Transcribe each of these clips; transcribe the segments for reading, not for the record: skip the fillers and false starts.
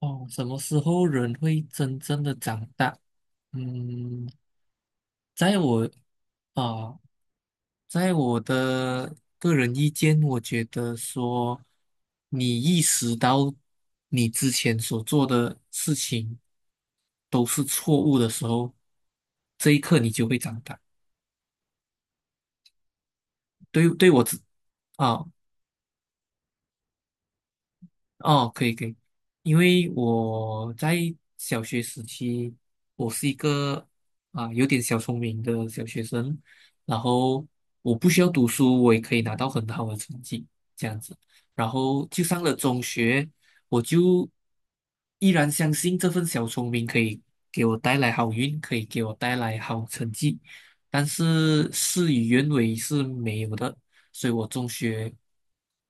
哦，什么时候人会真正的长大？嗯，在我啊、在我的个人意见，我觉得说，你意识到你之前所做的事情都是错误的时候，这一刻你就会长大。对，对我自啊、哦，可以可以，因为我在小学时期，我是一个有点小聪明的小学生，然后我不需要读书，我也可以拿到很好的成绩，这样子。然后就上了中学，我就依然相信这份小聪明可以给我带来好运，可以给我带来好成绩，但是事与愿违是没有的。所以我中学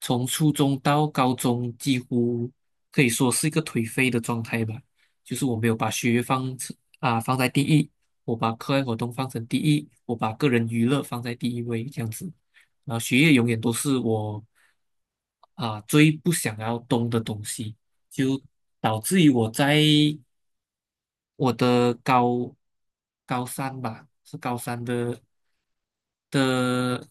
从初中到高中几乎可以说是一个颓废的状态吧，就是我没有把学业放成啊放在第一，我把课外活动放成第一，我把个人娱乐放在第一位这样子，然后学业永远都是我最不想要动的东西，就导致于我在我的高高三吧，是的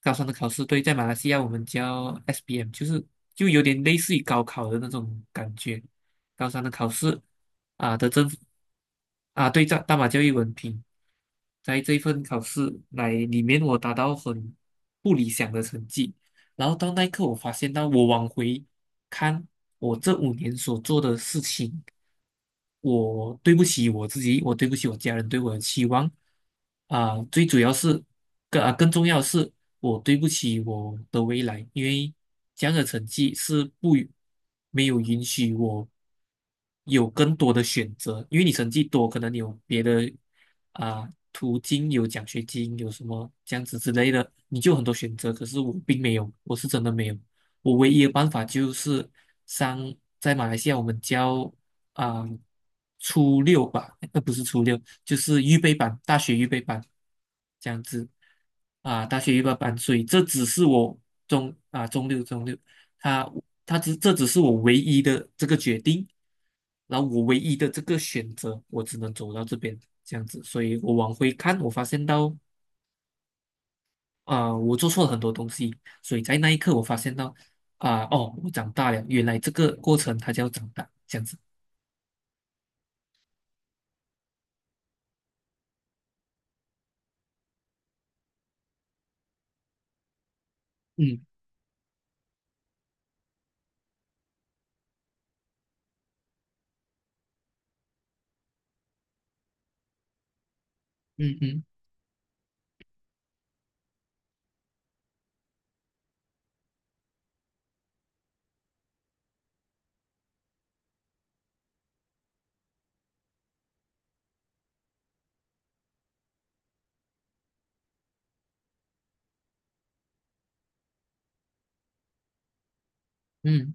高三的考试，对，在马来西亚我们叫 SBM，就是有点类似于高考的那种感觉。高三的考试啊的政府啊，对，大马教育文凭，在这一份考试来里面，我达到很不理想的成绩。然后到那一刻，我发现到我往回看我这5年所做的事情，我对不起我自己，我对不起我家人对我的期望啊、最主要是更啊更重要的是，我对不起我的未来，因为这样的成绩是不允没有允许我有更多的选择，因为你成绩多，可能你有别的途径，有奖学金，有什么这样子之类的，你就有很多选择，可是我并没有，我是真的没有。我唯一的办法就是上在马来西亚我们啊、初六吧，那不是初六，就是预备班，大学预备班这样子大学预备班，所以这只是我中六，他他只这只是我唯一的这个决定，然后我唯一的这个选择，我只能走到这边这样子，所以我往回看，我发现到。我做错了很多东西，所以在那一刻我发现到哦，我长大了，原来这个过程它叫长大，这样子。嗯嗯嗯嗯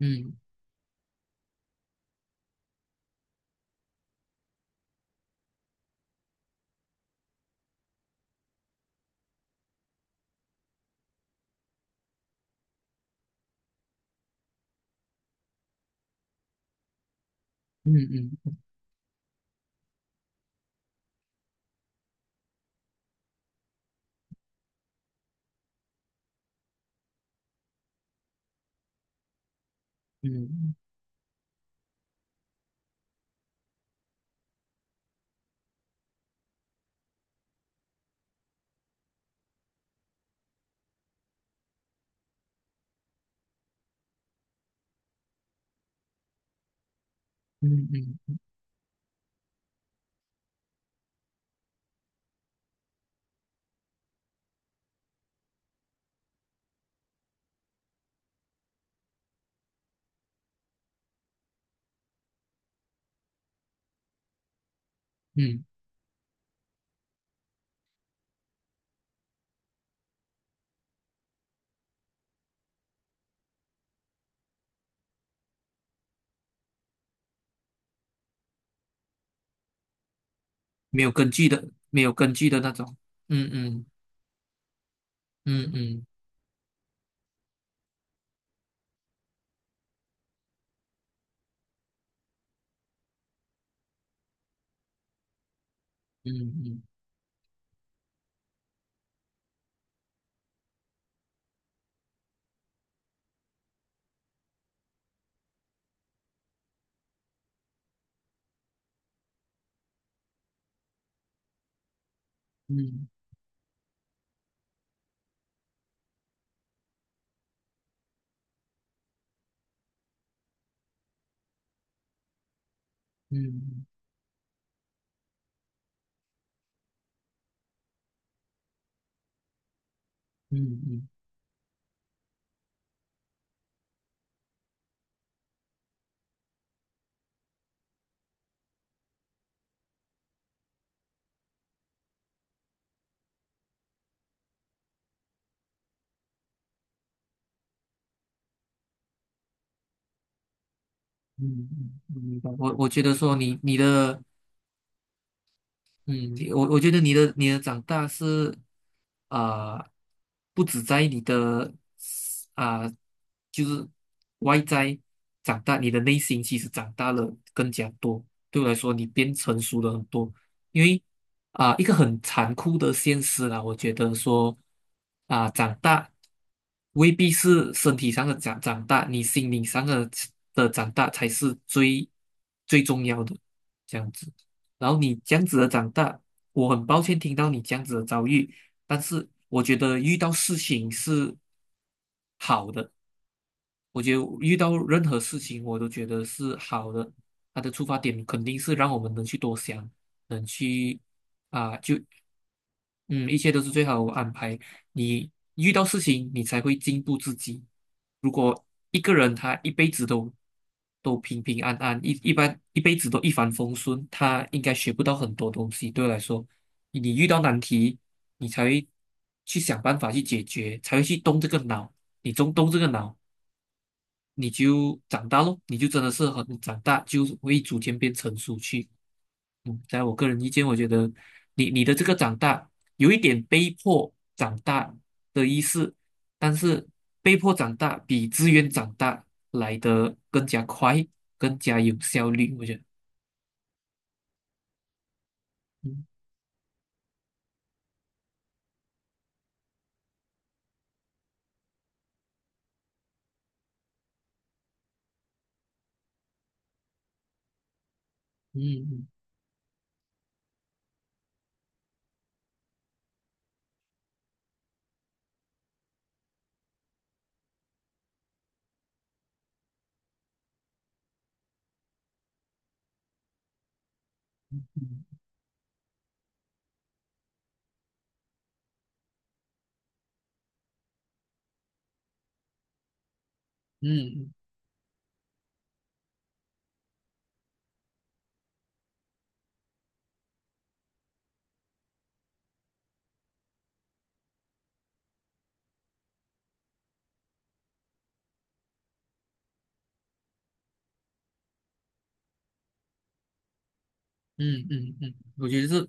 嗯嗯嗯嗯嗯嗯嗯，没有根据的，没有根据的那种。嗯嗯嗯嗯嗯嗯嗯嗯嗯嗯嗯嗯，明白。我觉得你的长大是啊、不止在你的啊、就是外在长大，你的内心其实长大了更加多。对我来说，你变成熟了很多。因为一个很残酷的现实啦，我觉得说长大未必是身体上的长大，你心灵上的长大才是最重要的，这样子。然后你这样子的长大，我很抱歉听到你这样子的遭遇，但是我觉得遇到事情是好的。我觉得遇到任何事情，我都觉得是好的。他的出发点肯定是让我们能去多想，能去啊，一切都是最好的安排。你遇到事情，你才会进步自己。如果一个人他一辈子都平平安安，一般一辈子都一帆风顺，他应该学不到很多东西。对我来说，你遇到难题，你才会去想办法去解决，才会去动这个脑。你动这个脑，你就长大咯，你就真的是很长大，就会逐渐变成熟去。嗯，在我个人意见，我觉得你的这个长大有一点被迫长大的意思，但是被迫长大比自愿长大来的更加快，更加有效率，我觉得。嗯嗯嗯嗯嗯嗯嗯，嗯，我觉得是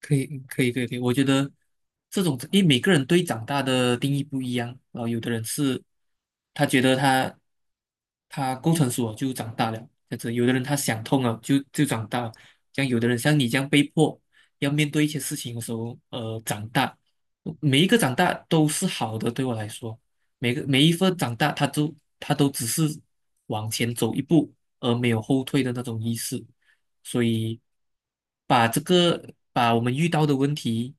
可以，可以，可以，可以。我觉得这种，因为每个人对长大的定义不一样，然后有的人是他觉得他够成熟了就长大了，这样子；有的人他想通了就长大了，像有的人像你这样被迫要面对一些事情的时候，呃，长大，每一个长大都是好的，对我来说，每一份长大，他都只是往前走一步，而没有后退的那种意思。所以把这个把我们遇到的问题，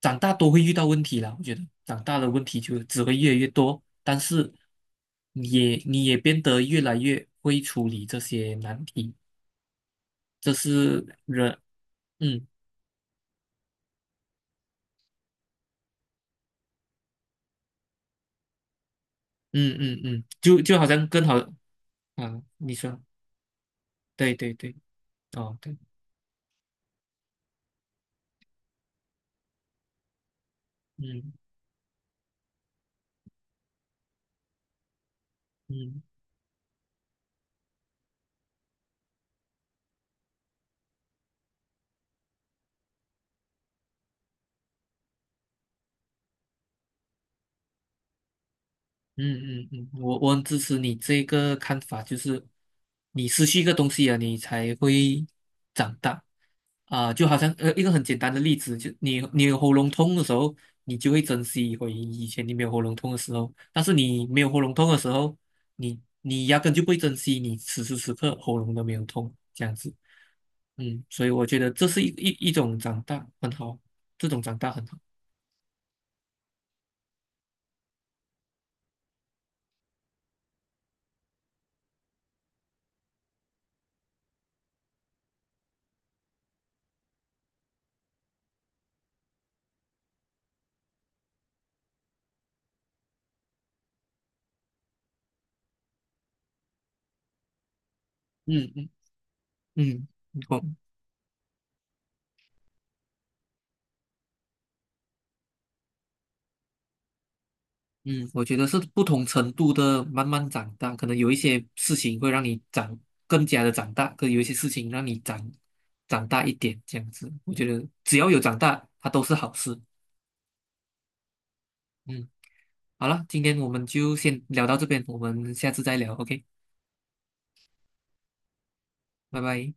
长大都会遇到问题啦。我觉得长大的问题就只会越来越多，但是你也变得越来越会处理这些难题，这是人，嗯嗯嗯嗯，就好像更好啊，啊你说，对对对，哦对，嗯嗯。嗯嗯嗯，我我很支持你这个看法，就是你失去一个东西啊，你才会长大就好像呃一个很简单的例子，就你有喉咙痛的时候，你就会珍惜回以前你没有喉咙痛的时候，但是你没有喉咙痛的时候，你压根就不会珍惜你此时此刻喉咙都没有痛这样子，嗯，所以我觉得这是一种长大，很好，这种长大很好，嗯嗯嗯，嗯我嗯，我觉得是不同程度的慢慢长大，可能有一些事情会让你更加的长大，可有一些事情让你长大一点，这样子。我觉得只要有长大，它都是好事。嗯，好了，今天我们就先聊到这边，我们下次再聊，OK，拜拜。